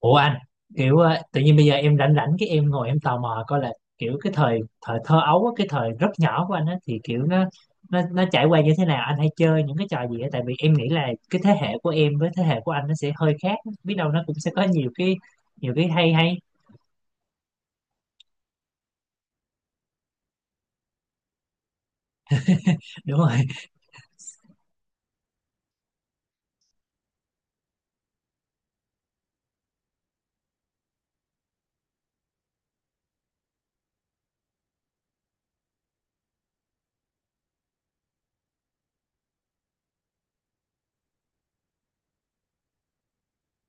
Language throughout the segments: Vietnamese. Ủa anh tự nhiên bây giờ em rảnh rảnh cái em ngồi em tò mò coi là kiểu cái thời thời thơ ấu á, cái thời rất nhỏ của anh á thì kiểu nó trải qua như thế nào, anh hay chơi những cái trò gì á? Tại vì em nghĩ là cái thế hệ của em với thế hệ của anh nó sẽ hơi khác, biết đâu nó cũng sẽ có nhiều cái hay hay. Đúng rồi.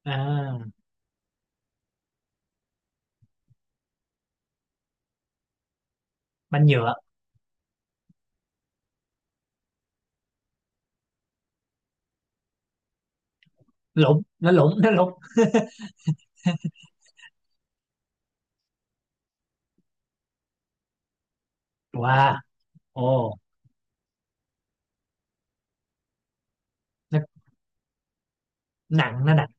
à, banh nhựa. Lủng. Wow. Ồ. nó nó nặng.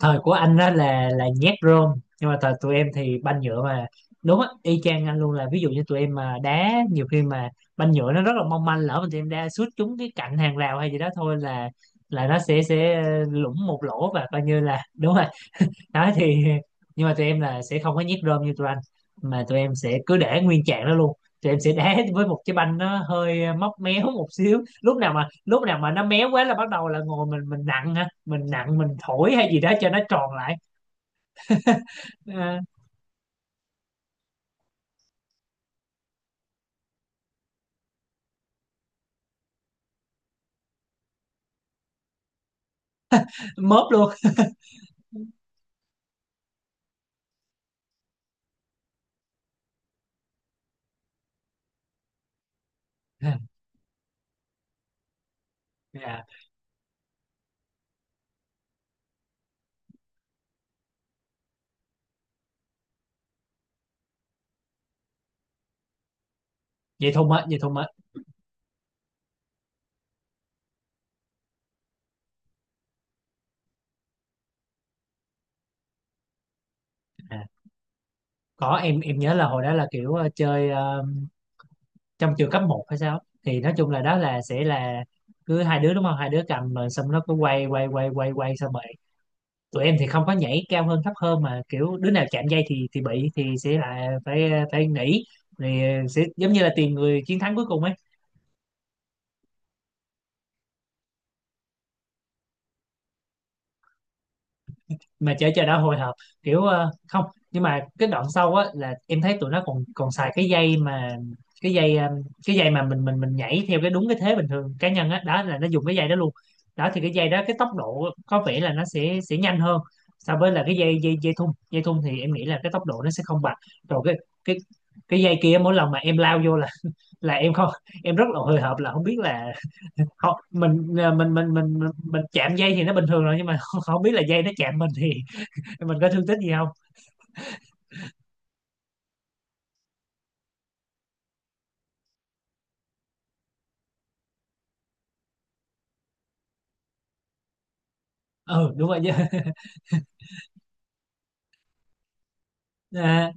Thời của anh đó là nhét rôm, nhưng mà thời tụi em thì banh nhựa mà. Đúng á, y chang anh luôn. Là ví dụ như tụi em mà đá, nhiều khi mà banh nhựa nó rất là mong manh, lỡ mà tụi em đá sút trúng cái cạnh hàng rào hay gì đó thôi là nó sẽ lủng một lỗ, và coi như là đúng rồi. Đó thì nhưng mà tụi em là sẽ không có nhét rơm như tụi anh, mà tụi em sẽ cứ để nguyên trạng đó luôn. Tụi em sẽ đá với một cái banh nó hơi móc méo một xíu. Lúc nào mà nó méo quá là bắt đầu là ngồi mình nặng ha, mình nặng mình thổi hay gì đó cho nó tròn lại. À, mớp luôn. Dạ. Vậy thôi mà. à, có, em nhớ là hồi đó là chơi, trong trường cấp một hay sao, thì nói chung là đó là sẽ là cứ hai đứa đúng không, hai đứa cầm rồi xong nó cứ quay quay quay quay quay xong. Tụi em thì không có nhảy cao hơn thấp hơn mà kiểu đứa nào chạm dây thì bị thì sẽ là phải phải nghỉ. Thì sẽ giống như là tìm người chiến thắng cuối cùng ấy. Mà chờ chờ đã hồi hộp kiểu không. Nhưng mà cái đoạn sau á là em thấy tụi nó còn còn xài cái dây mà, cái dây cái dây mà mình nhảy theo cái đúng cái thế bình thường cá nhân á, đó là nó dùng cái dây đó luôn. Đó thì cái dây đó cái tốc độ có vẻ là nó sẽ nhanh hơn so với là cái dây dây dây thun. Dây thun thì em nghĩ là cái tốc độ nó sẽ không bằng. Rồi cái cái dây kia mỗi lần mà em lao vô là em không, em rất là hồi hộp là không biết là không, mình à, mình mình chạm dây thì nó bình thường rồi, nhưng mà không biết là dây nó chạm mình thì mình có thương tích gì không. Ừ, đúng rồi chứ. À,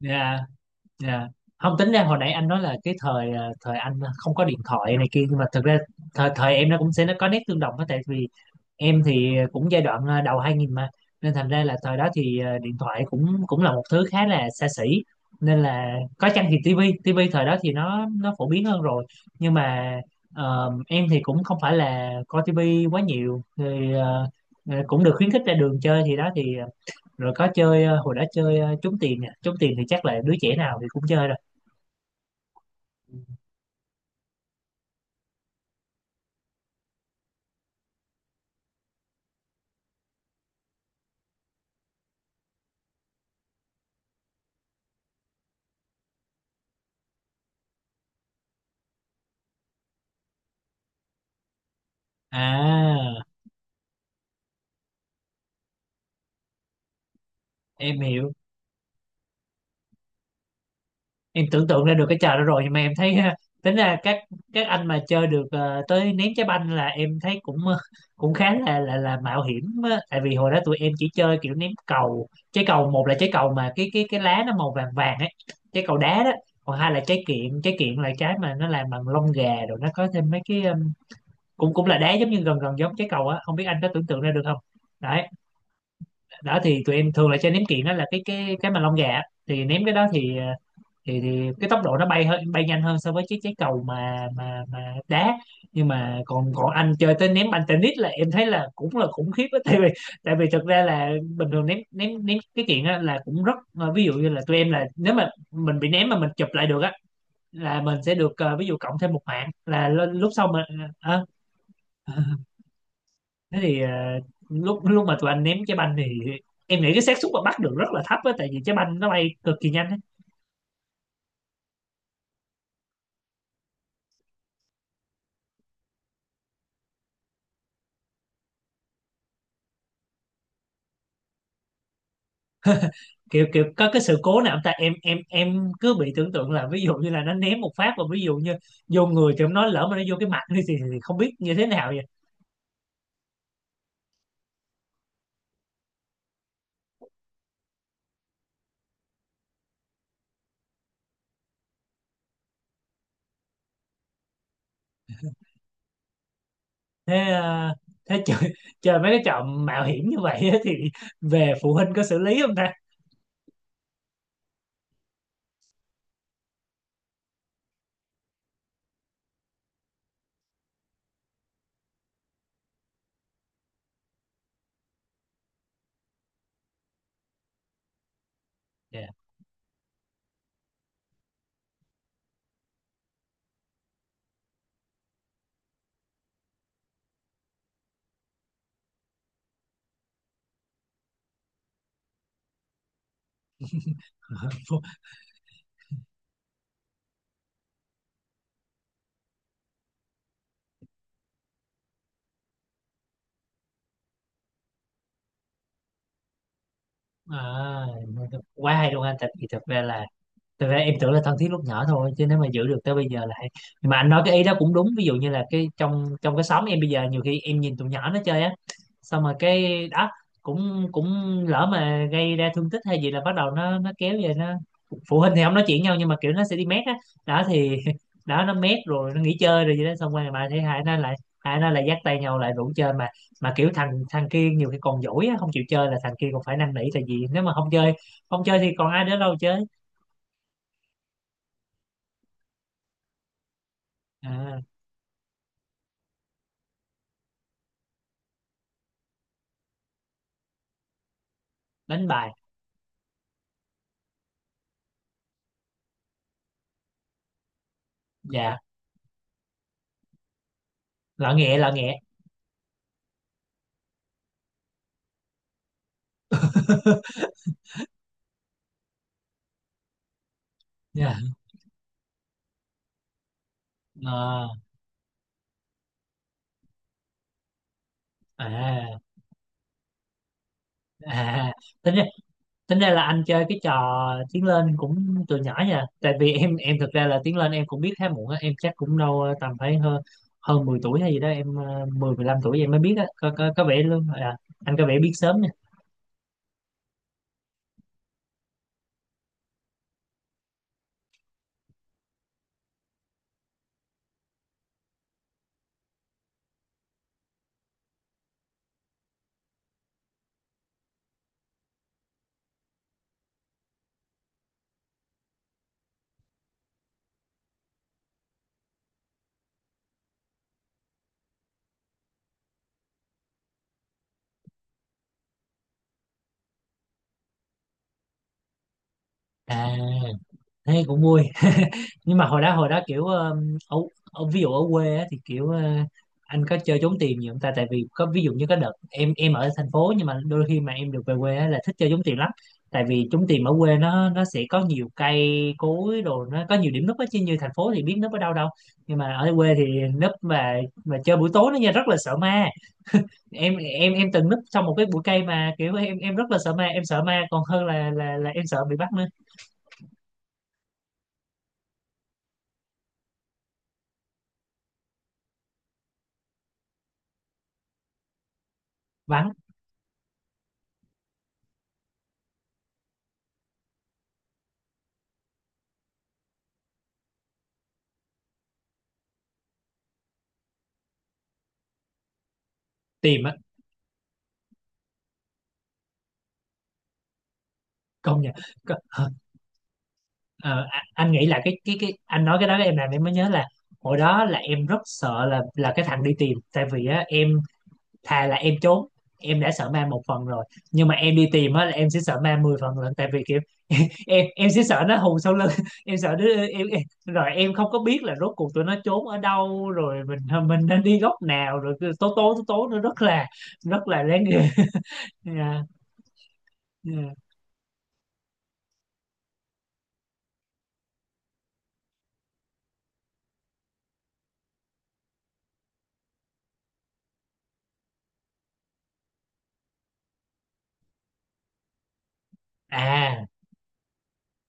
dạ. Dạ, không tính ra hồi nãy anh nói là cái thời thời anh không có điện thoại này kia, nhưng mà thực ra thời thời em nó cũng sẽ nó có nét tương đồng á. Tại vì em thì cũng giai đoạn đầu 2000 mà, nên thành ra là thời đó thì điện thoại cũng cũng là một thứ khá là xa xỉ. Nên là có chăng thì tivi. Thời đó thì nó phổ biến hơn rồi. Nhưng mà em thì cũng không phải là coi tivi quá nhiều thì cũng được khuyến khích ra đường chơi, thì đó thì rồi có chơi, hồi đó chơi, trốn tìm nè. Trốn tìm thì chắc là đứa trẻ nào thì cũng chơi rồi. À, em hiểu. Em tưởng tượng ra được cái trò đó rồi nhưng mà em thấy tính ra các anh mà chơi được, tới ném trái banh là em thấy cũng cũng khá là mạo hiểm á. Tại vì hồi đó tụi em chỉ chơi kiểu ném cầu, trái cầu. Một là trái cầu mà cái lá nó màu vàng vàng ấy, trái cầu đá đó. Còn hai là trái kiện. Trái kiện là trái mà nó làm bằng lông gà rồi nó có thêm mấy cái cũng cũng là đá giống như gần gần giống trái cầu á, không biết anh có tưởng tượng ra được không. Đấy, đó thì tụi em thường là chơi ném kiện đó, là cái mà lông gà á. Thì ném cái đó thì thì cái tốc độ nó bay hơn, bay nhanh hơn so với chiếc trái cầu mà đá. Nhưng mà còn còn anh chơi tới ném banh tennis là em thấy là cũng là khủng khiếp á. Tại vì thực ra là bình thường ném ném ném cái chuyện á là cũng rất ví dụ như là tụi em là nếu mà mình bị ném mà mình chụp lại được á là mình sẽ được, ví dụ cộng thêm một mạng là lúc sau mình ờ, ờ. Thế thì lúc lúc mà tụi anh ném trái banh thì em nghĩ cái xác suất mà bắt được rất là thấp á, tại vì trái banh nó bay cực kỳ nhanh á. Kiểu kiểu có cái sự cố nào không ta? Em cứ bị tưởng tượng là ví dụ như là nó ném một phát và ví dụ như vô người thì em nói lỡ mà nó vô cái mặt đi thì không biết như thế nào vậy. Thế thế chơi mấy cái trò mạo hiểm như vậy á thì về phụ huynh có xử lý không ta? Dạ. Phụ- à, quá hay luôn anh. Thật thì thật ra là thật ra em tưởng là thân thiết lúc nhỏ thôi, chứ nếu mà giữ được tới bây giờ là hay. Nhưng mà anh nói cái ý đó cũng đúng. Ví dụ như là cái trong trong cái xóm em bây giờ nhiều khi em nhìn tụi nhỏ nó chơi á, xong rồi cái đó cũng cũng lỡ mà gây ra thương tích hay gì là bắt đầu nó kéo về nó, phụ huynh thì không nói chuyện nhau nhưng mà kiểu nó sẽ đi mét á. Đó thì đó nó mét rồi nó nghỉ chơi rồi gì đó, xong rồi mà thấy hai nó lại dắt tay nhau lại rủ chơi mà. Mà kiểu thằng thằng kia nhiều khi còn dỗi á, không chịu chơi là thằng kia còn phải năn nỉ. Tại vì nếu mà không chơi thì còn ai nữa đâu chơi. À, đánh bài. Dạ, lọ nghẹ. Lọ nghẹ. Dạ. Ờ, à, à tính ra, tính ra là anh chơi cái trò tiến lên cũng từ nhỏ nha. Tại vì em thực ra là tiến lên em cũng biết khá muộn á. Em chắc cũng đâu tầm phải hơn hơn 10 tuổi hay gì đó em, mười, lăm tuổi em mới biết á. Có vẻ luôn. À, anh có vẻ biết sớm nha. À, thế cũng vui. Nhưng mà hồi đó kiểu ở ví dụ ở quê á, thì kiểu anh có chơi trốn tìm nhiều không ta? Tại vì có ví dụ như có đợt em ở thành phố, nhưng mà đôi khi mà em được về quê á, là thích chơi trốn tìm lắm. Tại vì trốn tìm ở quê nó sẽ có nhiều cây cối đồ, nó có nhiều điểm núp á, chứ như thành phố thì biết núp ở đâu đâu. Nhưng mà ở quê thì núp mà chơi buổi tối nó nha rất là sợ ma. Em từng núp trong một cái bụi cây mà kiểu em rất là sợ ma, em sợ ma còn hơn là em sợ bị bắt nữa. Vắng tìm á. Công nhận. Ờ, a- anh nghĩ là cái anh nói cái đó em làm em mới nhớ là hồi đó là em rất sợ là cái thằng đi tìm. Tại vì á, em thà là em trốn. Em đã sợ ma một phần rồi, nhưng mà em đi tìm á là em sẽ sợ ma 10 phần lần. Tại vì kiểu em sẽ sợ nó hù sau lưng, em sợ đứa em rồi em không có biết là rốt cuộc tụi nó trốn ở đâu, rồi mình nên đi góc nào, rồi cứ tố tố tố tố nó rất là đáng ghê. Dạ, dạ. À,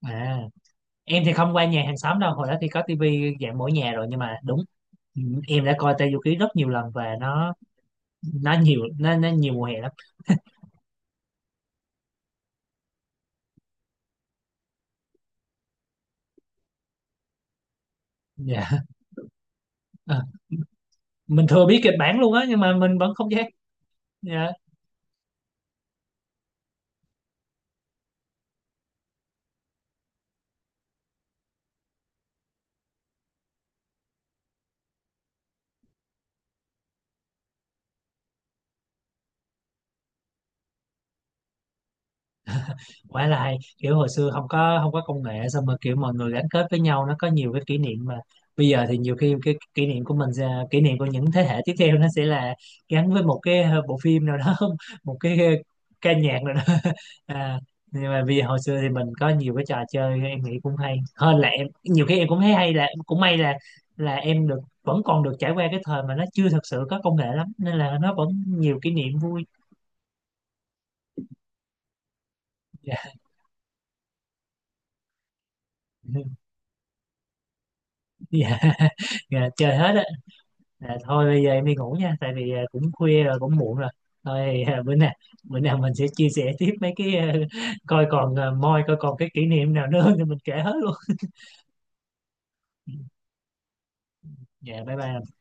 à, em thì không qua nhà hàng xóm đâu. Hồi đó thì có tivi dạng mỗi nhà rồi, nhưng mà đúng. Ừ, em đã coi Tây Du Ký rất nhiều lần và nó nó nhiều mùa hè lắm. Dạ. Ờ, mình thừa biết kịch bản luôn á nhưng mà mình vẫn không dám. Dạ, quá là hay. Kiểu hồi xưa không có công nghệ xong rồi kiểu mọi người gắn kết với nhau nó có nhiều cái kỷ niệm. Mà bây giờ thì nhiều khi cái kỷ niệm của mình sẽ- kỷ niệm của những thế hệ tiếp theo nó sẽ là gắn với một cái bộ phim nào đó một cái ca nhạc nào đó. À, nhưng mà vì hồi xưa thì mình có nhiều cái trò chơi em nghĩ cũng hay hơn. Là em nhiều khi em cũng thấy hay là cũng may là em được vẫn còn được trải qua cái thời mà nó chưa thật sự có công nghệ lắm, nên là nó vẫn nhiều kỷ niệm vui. Dạ. Dạ. Dạ, chơi hết á. À, thôi bây giờ em đi ngủ nha, tại vì cũng khuya rồi cũng muộn rồi. Thôi bữa nào mình sẽ chia sẻ tiếp mấy cái, coi còn, à, moi coi còn cái kỷ niệm nào nữa thì mình kể hết luôn. Dạ, bye bye.